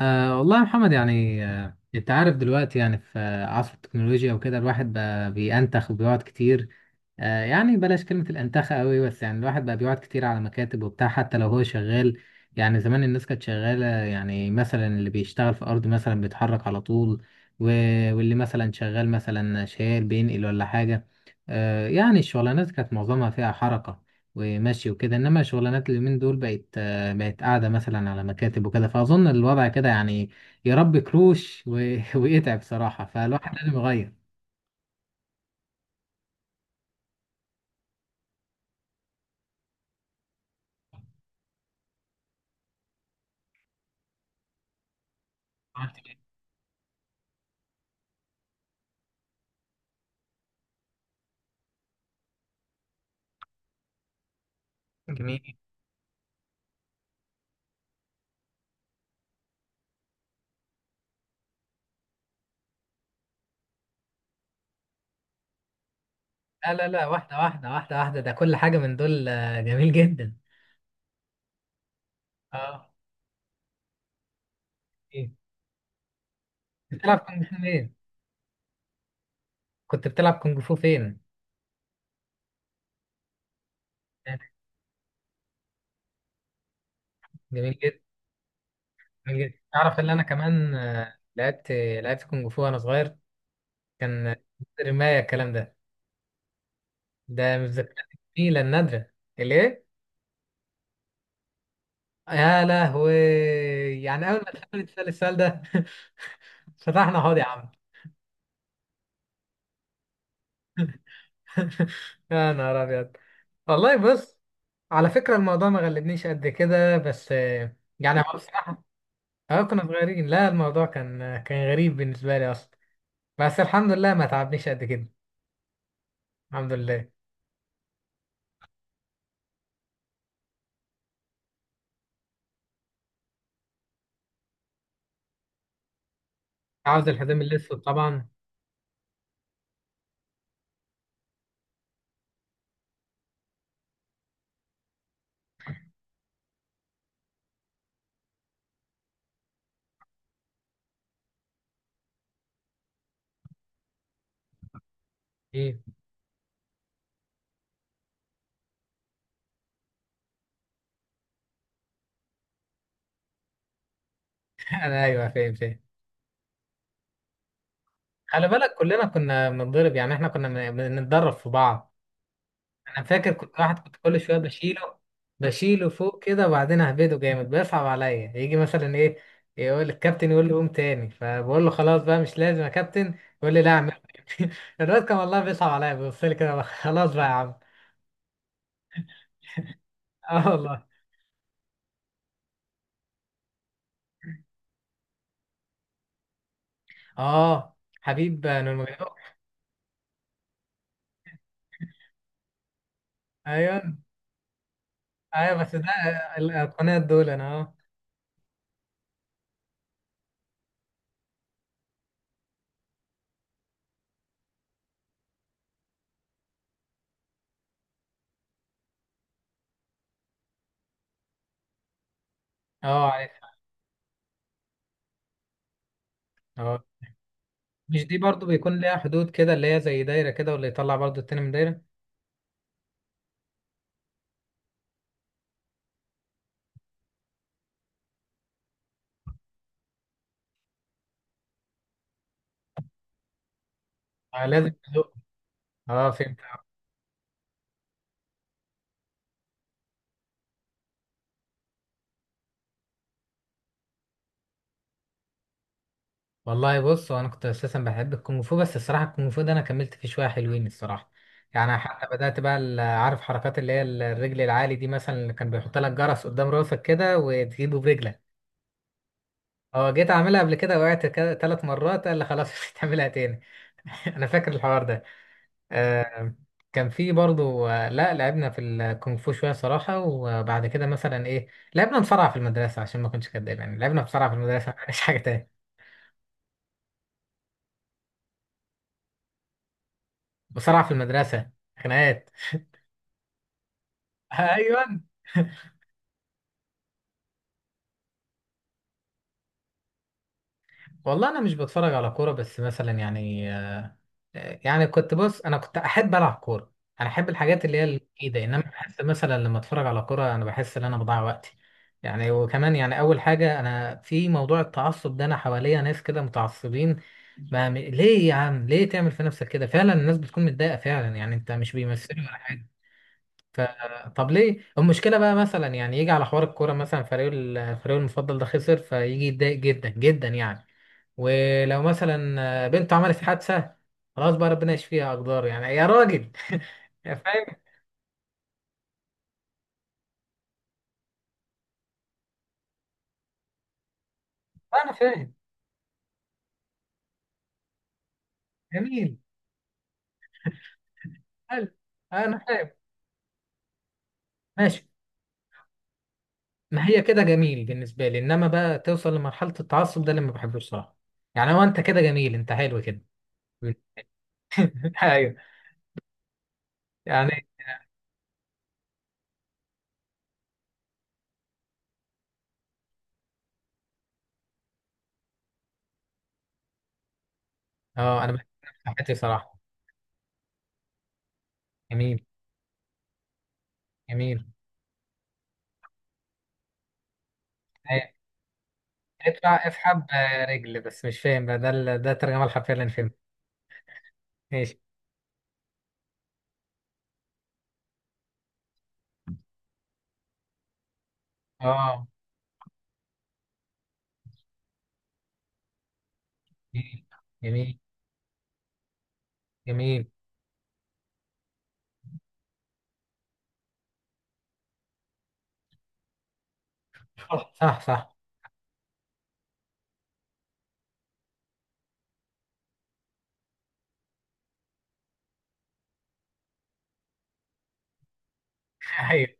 والله يا محمد، يعني انت عارف دلوقتي، يعني في عصر التكنولوجيا وكده الواحد بقى بينتخ وبيقعد كتير. يعني بلاش كلمة الانتخة قوي، بس يعني الواحد بقى بيقعد كتير على مكاتب وبتاع حتى لو هو شغال. يعني زمان الناس كانت شغالة، يعني مثلا اللي بيشتغل في أرض مثلا بيتحرك على طول و- واللي مثلا شغال مثلا شايل بينقل ولا حاجة. يعني الشغلانات كانت معظمها فيها حركة ومشي وكده، إنما شغلانات اليومين دول بقت، بقت قاعدة مثلا على مكاتب وكده، فأظن الوضع كده يعني يربي كروش ويتعب صراحة، فالواحد لازم يغير. عملت إيه؟ جميل. لا لا لا، واحدة واحدة واحدة واحدة، ده كل حاجة من دول جميل جدا. اه. ايه. بتلعب كونج فو فين؟ كنت بتلعب كونج فو فين؟ جميل جدا. جميل جدا. تعرف ان انا كمان لعبت، لعبت كونج فو وانا صغير. كان رماية الكلام ده، ده من الذكريات الجميلة النادرة. ليه؟ يا لهوي، يعني اول ما اتقابلت السؤال ده فتحنا حوض يا عم. يا نهار ابيض. والله بص، على فكره الموضوع ما غلبنيش قد كده، بس يعني هو بصراحه. اه كنا صغيرين، لا الموضوع كان غريب بالنسبه لي اصلا، بس الحمد لله ما تعبنيش قد كده، الحمد لله. عاوز الحزام الاسود طبعا. ايه. انا ايوه فاهم فاهم. خلي بالك كلنا كنا بنتضرب، يعني احنا كنا بنتدرب في بعض. انا فاكر كنت واحد كنت كل شويه بشيله، بشيله فوق كده، وبعدين اهبده جامد، بيصعب عليا يجي مثلا ايه يقول الكابتن، يقول لي قوم تاني، فبقول له خلاص بقى مش لازم يا كابتن، يقول لي لا اعمل الواد كان والله بيصعب عليا بيبص لي كده خلاص بقى يا عم. اه والله. اه حبيب نور مجدوح. ايوه. ايوه بس ده القناة دول انا. اه. اه عارف. اه مش دي برضو بيكون ليها حدود كده، اللي هي زي دايره كده، واللي يطلع برضو التاني من دايره. آه لازم تزق. اه فهمت. والله بص، هو انا كنت اساسا بحب الكونغ فو، بس الصراحه الكونغ فو ده انا كملت فيه شويه حلوين الصراحه، يعني حتى بدات بقى عارف حركات اللي هي الرجل العالي دي مثلا، اللي كان بيحط لك جرس قدام راسك كده وتجيبه برجلك. اه جيت اعملها قبل كده وقعت كده ثلاث مرات، قال لي خلاص مش هتعملها تاني. انا فاكر الحوار ده. آه كان في برضو لا لعبنا في الكونغ فو شويه صراحه، وبعد كده مثلا ايه لعبنا مصارعه في المدرسه عشان ما كنتش كداب، يعني لعبنا مصارعه في المدرسه مش حاجه تاني. مصارعه في المدرسه، خناقات. ايوه. والله انا مش بتفرج على كوره، بس مثلا يعني كنت، بص انا كنت احب العب كوره، انا احب الحاجات اللي هي الايده، انما بحس مثلا لما اتفرج على كوره انا بحس ان انا بضيع وقتي يعني. وكمان يعني اول حاجه، انا في موضوع التعصب ده انا حواليا ناس كده متعصبين، ما ليه يا عم، ليه تعمل في نفسك كده، فعلا الناس بتكون متضايقه فعلا، يعني انت مش بيمثلوا ولا حاجه. ف... طب ليه المشكله بقى، مثلا يعني يجي على حوار الكوره مثلا، فريقه فريقه المفضل ده خسر، فيجي يتضايق جدا جدا يعني، ولو مثلا بنته عملت حادثه خلاص بقى ربنا يشفيها، اقدار يعني يا راجل. يا فاهم. انا فاهم. جميل. حلو. انا فاهم. ماشي. ما هي كده جميل بالنسبه لي، انما بقى توصل لمرحله التعصب ده اللي ما بحبوش صراحه، يعني هو انت كده جميل، انت حلو كده. ايوه. يعني. اه انا بحب حياتي صراحه. جميل. جميل. اطلع افحم رجل، بس مش فاهم بقى ده ده الترجمة الحرفية اللي انا فهمتها. ماشي. اه. جميل. جميل. جميل. صح صح صح. ايوه.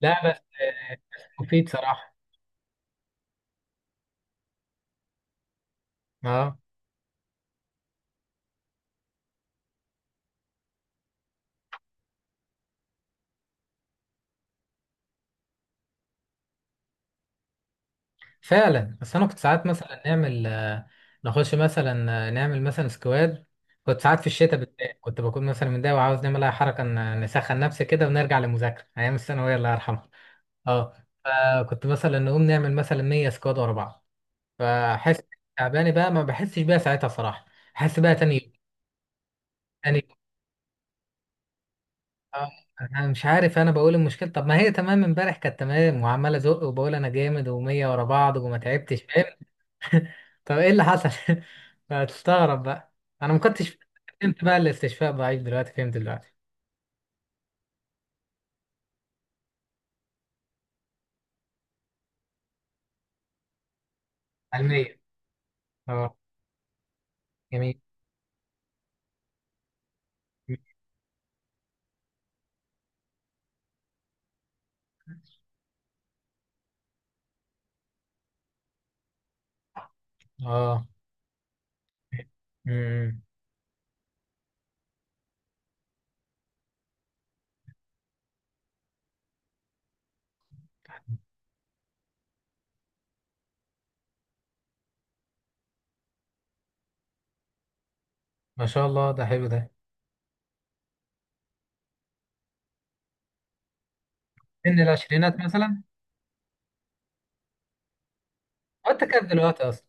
لا بس بس مفيد صراحة. اه فعلا، بس انا كنت ساعات مثلا نعمل نخش مثلا نعمل مثلا سكواد، كنت ساعات في الشتاء بالذات كنت بكون مثلا متضايق وعاوز نعمل اي حركة نسخن نفسي كده ونرجع للمذاكرة ايام الثانوية الله يرحمها. اه فكنت مثلا نقوم نعمل مثلا 100 سكواد ورا بعض، فاحس تعبانه بقى ما بحسش بيها ساعتها صراحه، احس بقى تاني يوم. تاني يوم، آه، انا مش عارف، انا بقول المشكله، طب ما هي تمام امبارح كانت تمام، وعمال ازق وبقول انا جامد ومية ورا بعض وما تعبتش، فاهم. طب ايه اللي حصل؟ فتستغرب بقى، انا ما كنتش فهمت بقى الاستشفاء ضعيف دلوقتي، فهمت دلوقتي. علميا. اه. جميل. اه. امم. ما شاء الله ده حلو ده. سن العشرينات مثلا. وانت كام دلوقتي اصلا؟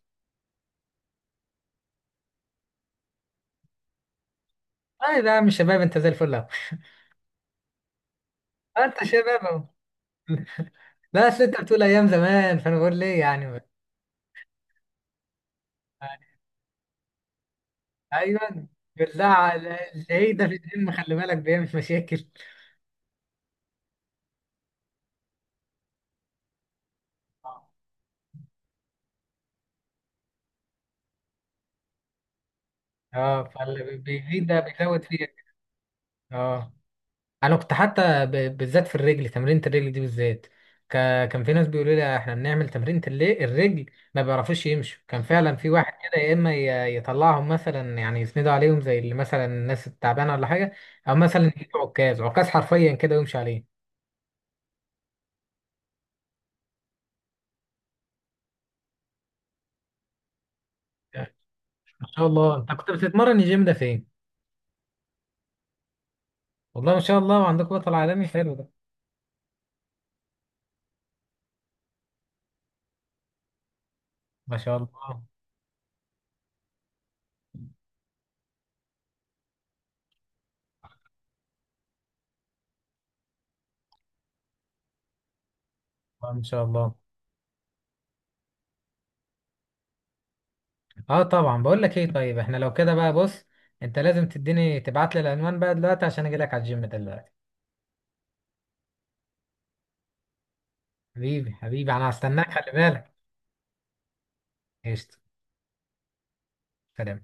اه ده يا عم شباب، انت زي الفل اهو. انت شباب، لا اصل انت بتقول ايام زمان فانا بقول ليه يعني. يعني. ايوه. بالله العيد ده في الدم، خلي بالك بيعمل مشاكل. اه فاللي بيزيد ده بيزود فيك. اه انا كنت حتى بالذات في الرجل، تمرينة الرجل دي بالذات كان في ناس بيقولوا لي احنا بنعمل تمرينة الرجل ما بيعرفوش يمشوا، كان فعلا في واحد كده يا اما يطلعهم مثلا يعني يسندوا عليهم زي اللي مثلا الناس التعبانه ولا حاجه، او مثلا يجيب عكاز، عكاز حرفيا كده ويمشي عليه. ما شاء الله، انت كنت بتتمرن الجيم ده فين؟ والله ما شاء الله عندكم بطل عالمي، حلو ده. ما شاء الله. ما شاء الله. اه طبعا، بقول لك ايه، طيب احنا لو كده بقى بص، انت لازم تديني، تبعت لي العنوان بقى دلوقتي عشان اجي لك على الجيم دلوقتي. حبيبي حبيبي، انا هستناك خلي بالك. قشطة. سلام.